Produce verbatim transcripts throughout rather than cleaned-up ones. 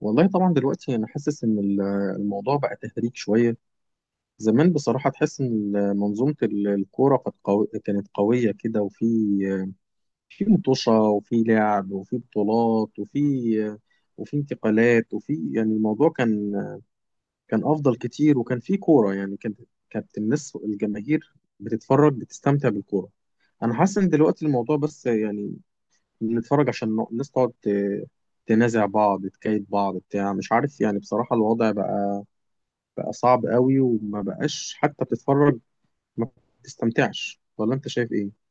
والله طبعا دلوقتي انا حاسس ان ال- الموضوع بقى تهريج شويه. زمان بصراحه تحس ان ال- منظومه ال- الكوره كانت قوي، كانت قويه كده، وفي في مطوشه، وفي لعب، وفي بطولات، وفي وفي انتقالات، وفي يعني الموضوع كان كان افضل كتير، وكان في كوره يعني كانت كانت الناس الجماهير بتتفرج، بتستمتع بالكوره. انا حاسس ان دلوقتي الموضوع بس يعني بنتفرج عشان نق- الناس تقعد ت- تنازع بعض، تكايد بعض، بتاع مش عارف. يعني بصراحة الوضع بقى بقى صعب قوي، وما بقاش حتى بتتفرج، ما بتستمتعش، ولا انت شايف ايه؟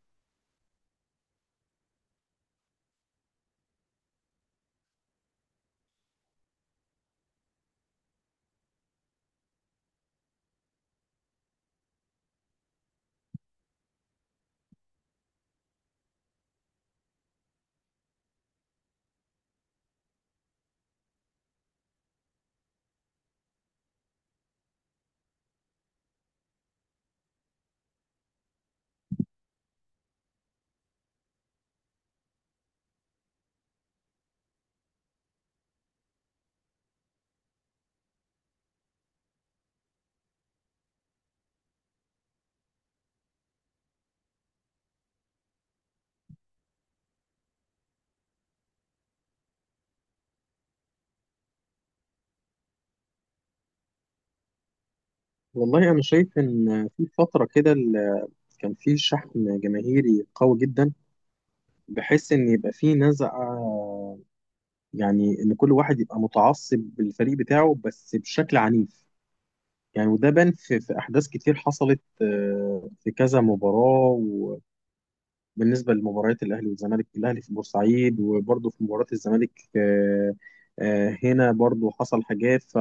والله انا شايف ان في فترة كده ال- كان في شحن جماهيري قوي جدا، بحيث ان يبقى في نزعة، يعني ان كل واحد يبقى متعصب بالفريق بتاعه، بس بشكل عنيف. يعني وده بان في, في احداث كتير حصلت، آه، في كذا مباراة، بالنسبه لمباريات الاهلي والزمالك، الاهلي في بورسعيد، وبرضه في مباراه الزمالك، آه، آه، هنا برضه حصل حاجات. ف-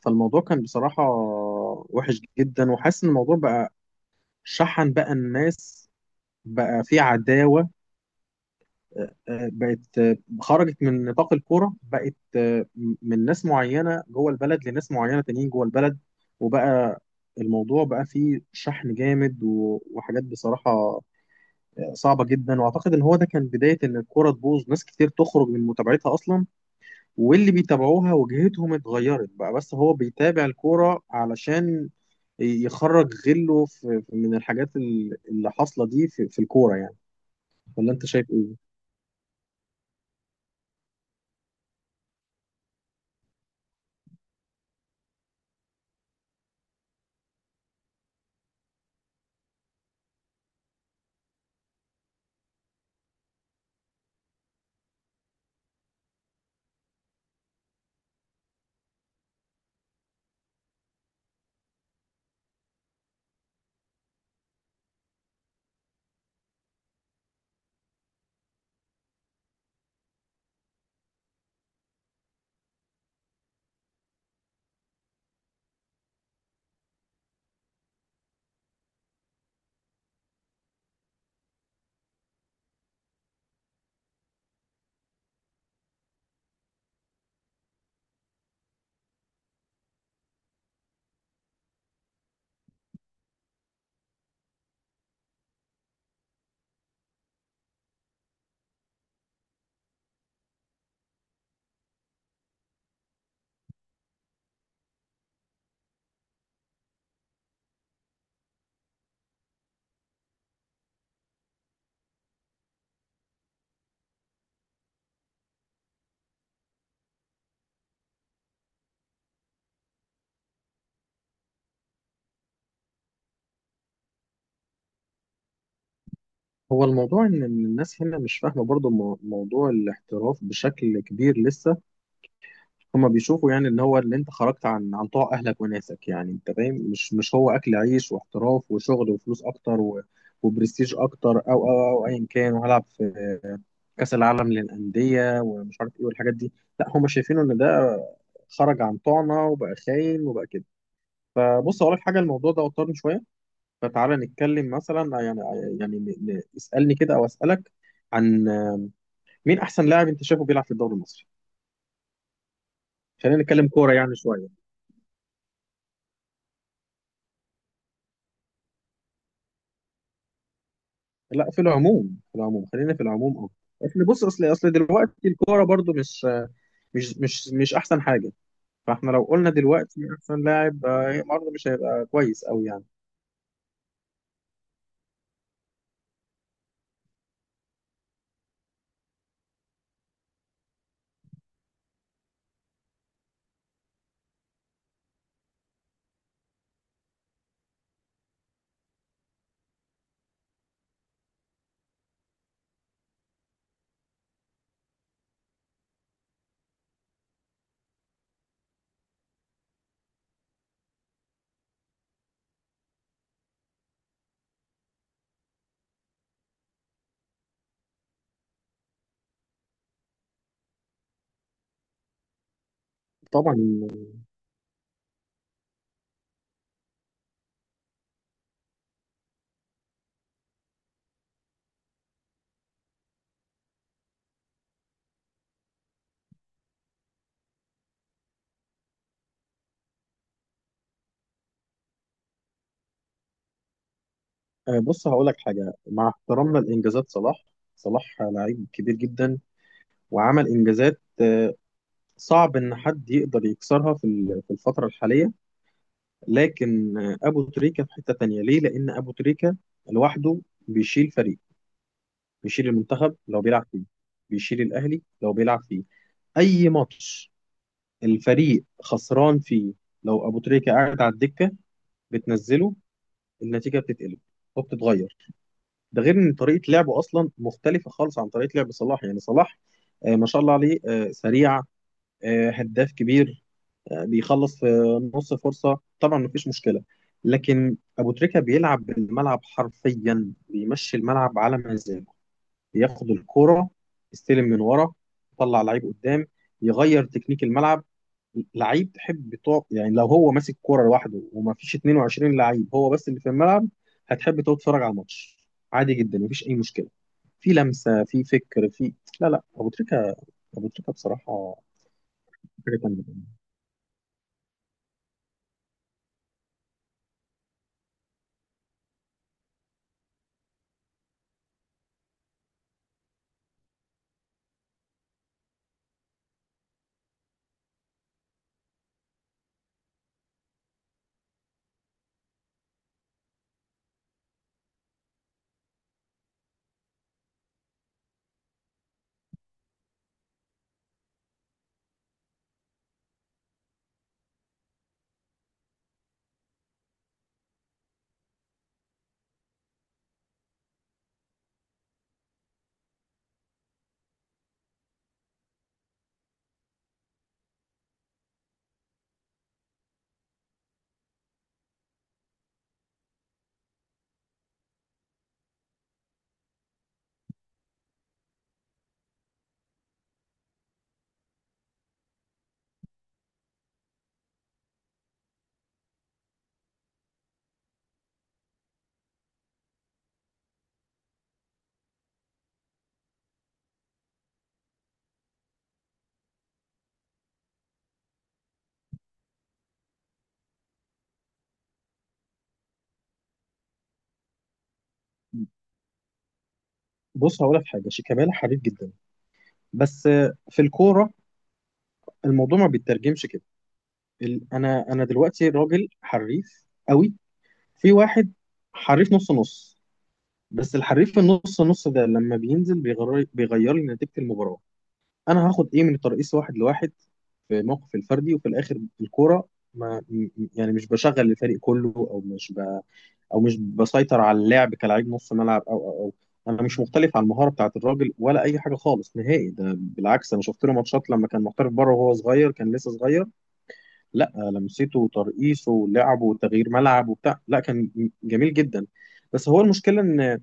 فالموضوع كان بصراحه وحش جدا، وحاسس ان الموضوع بقى شحن، بقى الناس بقى في عداوه. آه، آه، بقت، آه، خرجت من نطاق الكوره، بقت آه، من ناس معينه جوه البلد لناس معينه تانيين جوه البلد. وبقى الموضوع بقى فيه شحن جامد، و- وحاجات بصراحه صعبه جدا. واعتقد ان هو ده كان بدايه ان الكوره تبوظ، ناس كتير تخرج من متابعتها اصلا، واللي بيتابعوها وجهتهم اتغيرت، بقى بس هو بيتابع الكوره علشان يخرج غله في في- من الحاجات ال- اللي حاصله دي في في الكوره يعني. ولا انت شايف ايه؟ هو الموضوع ان إن الناس هنا مش فاهمه برضو مو- موضوع الاحتراف بشكل كبير لسه. هما بيشوفوا يعني ان هو اللي انت خرجت عن عن طوع اهلك وناسك، يعني انت فاهم، مش مش هو اكل عيش واحتراف وشغل وفلوس اكتر، و وبرستيج اكتر، او او او ايا كان، وهلعب في كاس العالم للانديه ومش عارف ايه والحاجات دي. لا، هما شايفينه ان ده خرج عن طوعنا وبقى خاين وبقى كده. فبص اقول لك حاجه، الموضوع ده وترني شويه، فتعالى نتكلم مثلا يعني، يعني ن- ن- اسالني كده او اسالك عن مين احسن لاعب انت شايفه بيلعب في الدوري المصري. خلينا نتكلم كوره يعني شويه. لا، في العموم، في العموم، خلينا في العموم، اه. اصل بص، اصل اصل دلوقتي الكوره برضو مش مش مش مش احسن حاجه، فاحنا لو قلنا دلوقتي احسن لاعب آه، برضه مش هيبقى كويس قوي يعني. طبعا. آه، بص هقول لك حاجه، مع احترامنا لانجازات صلاح، صلاح لعيب كبير جدا، وعمل انجازات آه، صعب ان حد يقدر يكسرها في ال- في الفتره الحاليه، لكن آه، ابو تريكه في حته تانيه، ليه؟ لان ابو تريكه لوحده بيشيل فريق، بيشيل المنتخب لو بيلعب فيه، بيشيل الاهلي لو بيلعب فيه. اي ماتش الفريق خسران فيه، لو ابو تريكه قاعد على الدكه بتنزله، النتيجه بتتقلب وبتتغير. ده غير ان طريقه لعبه اصلا مختلفه خالص عن طريقه لعب صلاح. يعني صلاح آه، ما شاء الله عليه، آه، سريع، آه، هداف كبير، آه، بيخلص في نص فرصه، طبعا مفيش مشكله. لكن ابو تريكه بيلعب الملعب حرفيا، بيمشي الملعب على مزاجه، ياخد الكرة، يستلم من ورا، يطلع لعيب قدام، يغير تكنيك الملعب، لعيب تحب تقف. يعني لو هو ماسك كرة لوحده وما فيش اتنين وعشرين لعيب، هو بس اللي في الملعب، هتحب تقعد تتفرج على الماتش، عادي جدا مفيش اي مشكله. في لمسه، في فكر، في، لا لا، ابو تريكه، ابو تريكه بصراحه حاجه تانيه. بص هقول لك حاجه، شيكابالا حريف جدا، بس في الكوره الموضوع ما بيترجمش كده. ال- انا انا دلوقتي راجل حريف قوي، في واحد حريف نص نص، بس الحريف النص نص ده لما بينزل بيغير، بيغير لي نتيجة المباراة. انا هاخد ايه من الترقيص واحد لواحد في موقف الفردي وفي الاخر الكورة ما م- م- يعني مش بشغل الفريق كله، او مش ب... او مش بسيطر على اللعب كلاعب نص ملعب او او او انا مش مختلف على المهارة بتاعت الراجل ولا اي حاجة خالص نهائي، ده بالعكس، انا شفت له ماتشات لما كان محترف بره وهو صغير، كان لسه صغير، لا لمسته وترقيصه ولعبه وتغيير ملعب وبتاع، لا كان جميل جدا. بس هو المشكلة ان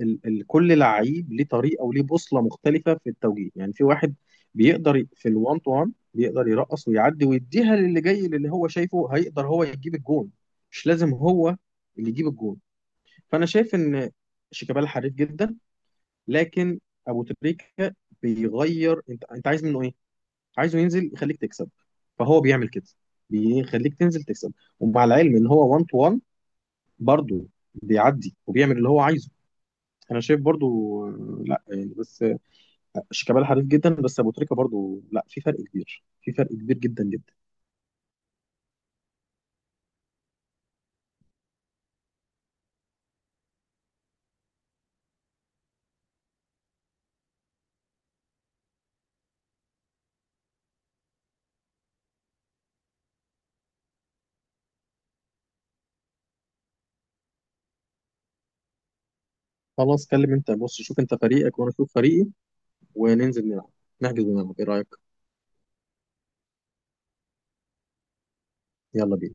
ال ال كل لعيب ليه طريقه وليه بوصله مختلفه في التوجيه. يعني في واحد بيقدر ي- في الوان تو وان بيقدر يرقص ويعدي ويديها للي جاي اللي هو شايفه هيقدر هو يجيب الجون، مش لازم هو اللي يجيب الجون. فانا شايف ان شيكابالا حريف جدا، لكن ابو تريكه بيغير، انت انت عايز منه ايه؟ عايزه ينزل يخليك تكسب، فهو بيعمل كده، بيخليك تنزل تكسب. ومع العلم ان هو واحد تو واحد برضه بيعدي وبيعمل اللي هو عايزه. انا شايف برضو آه، لا يعني بس شيكابالا حريف جدا، بس ابو تريكه برضو، لا في فرق كبير، في فرق كبير جدا جدا. خلاص كلم انت، بص شوف انت فريقك وانا اشوف فريقي، وننزل نلعب، نحجز ونلعب، ايه رايك؟ يلا بينا.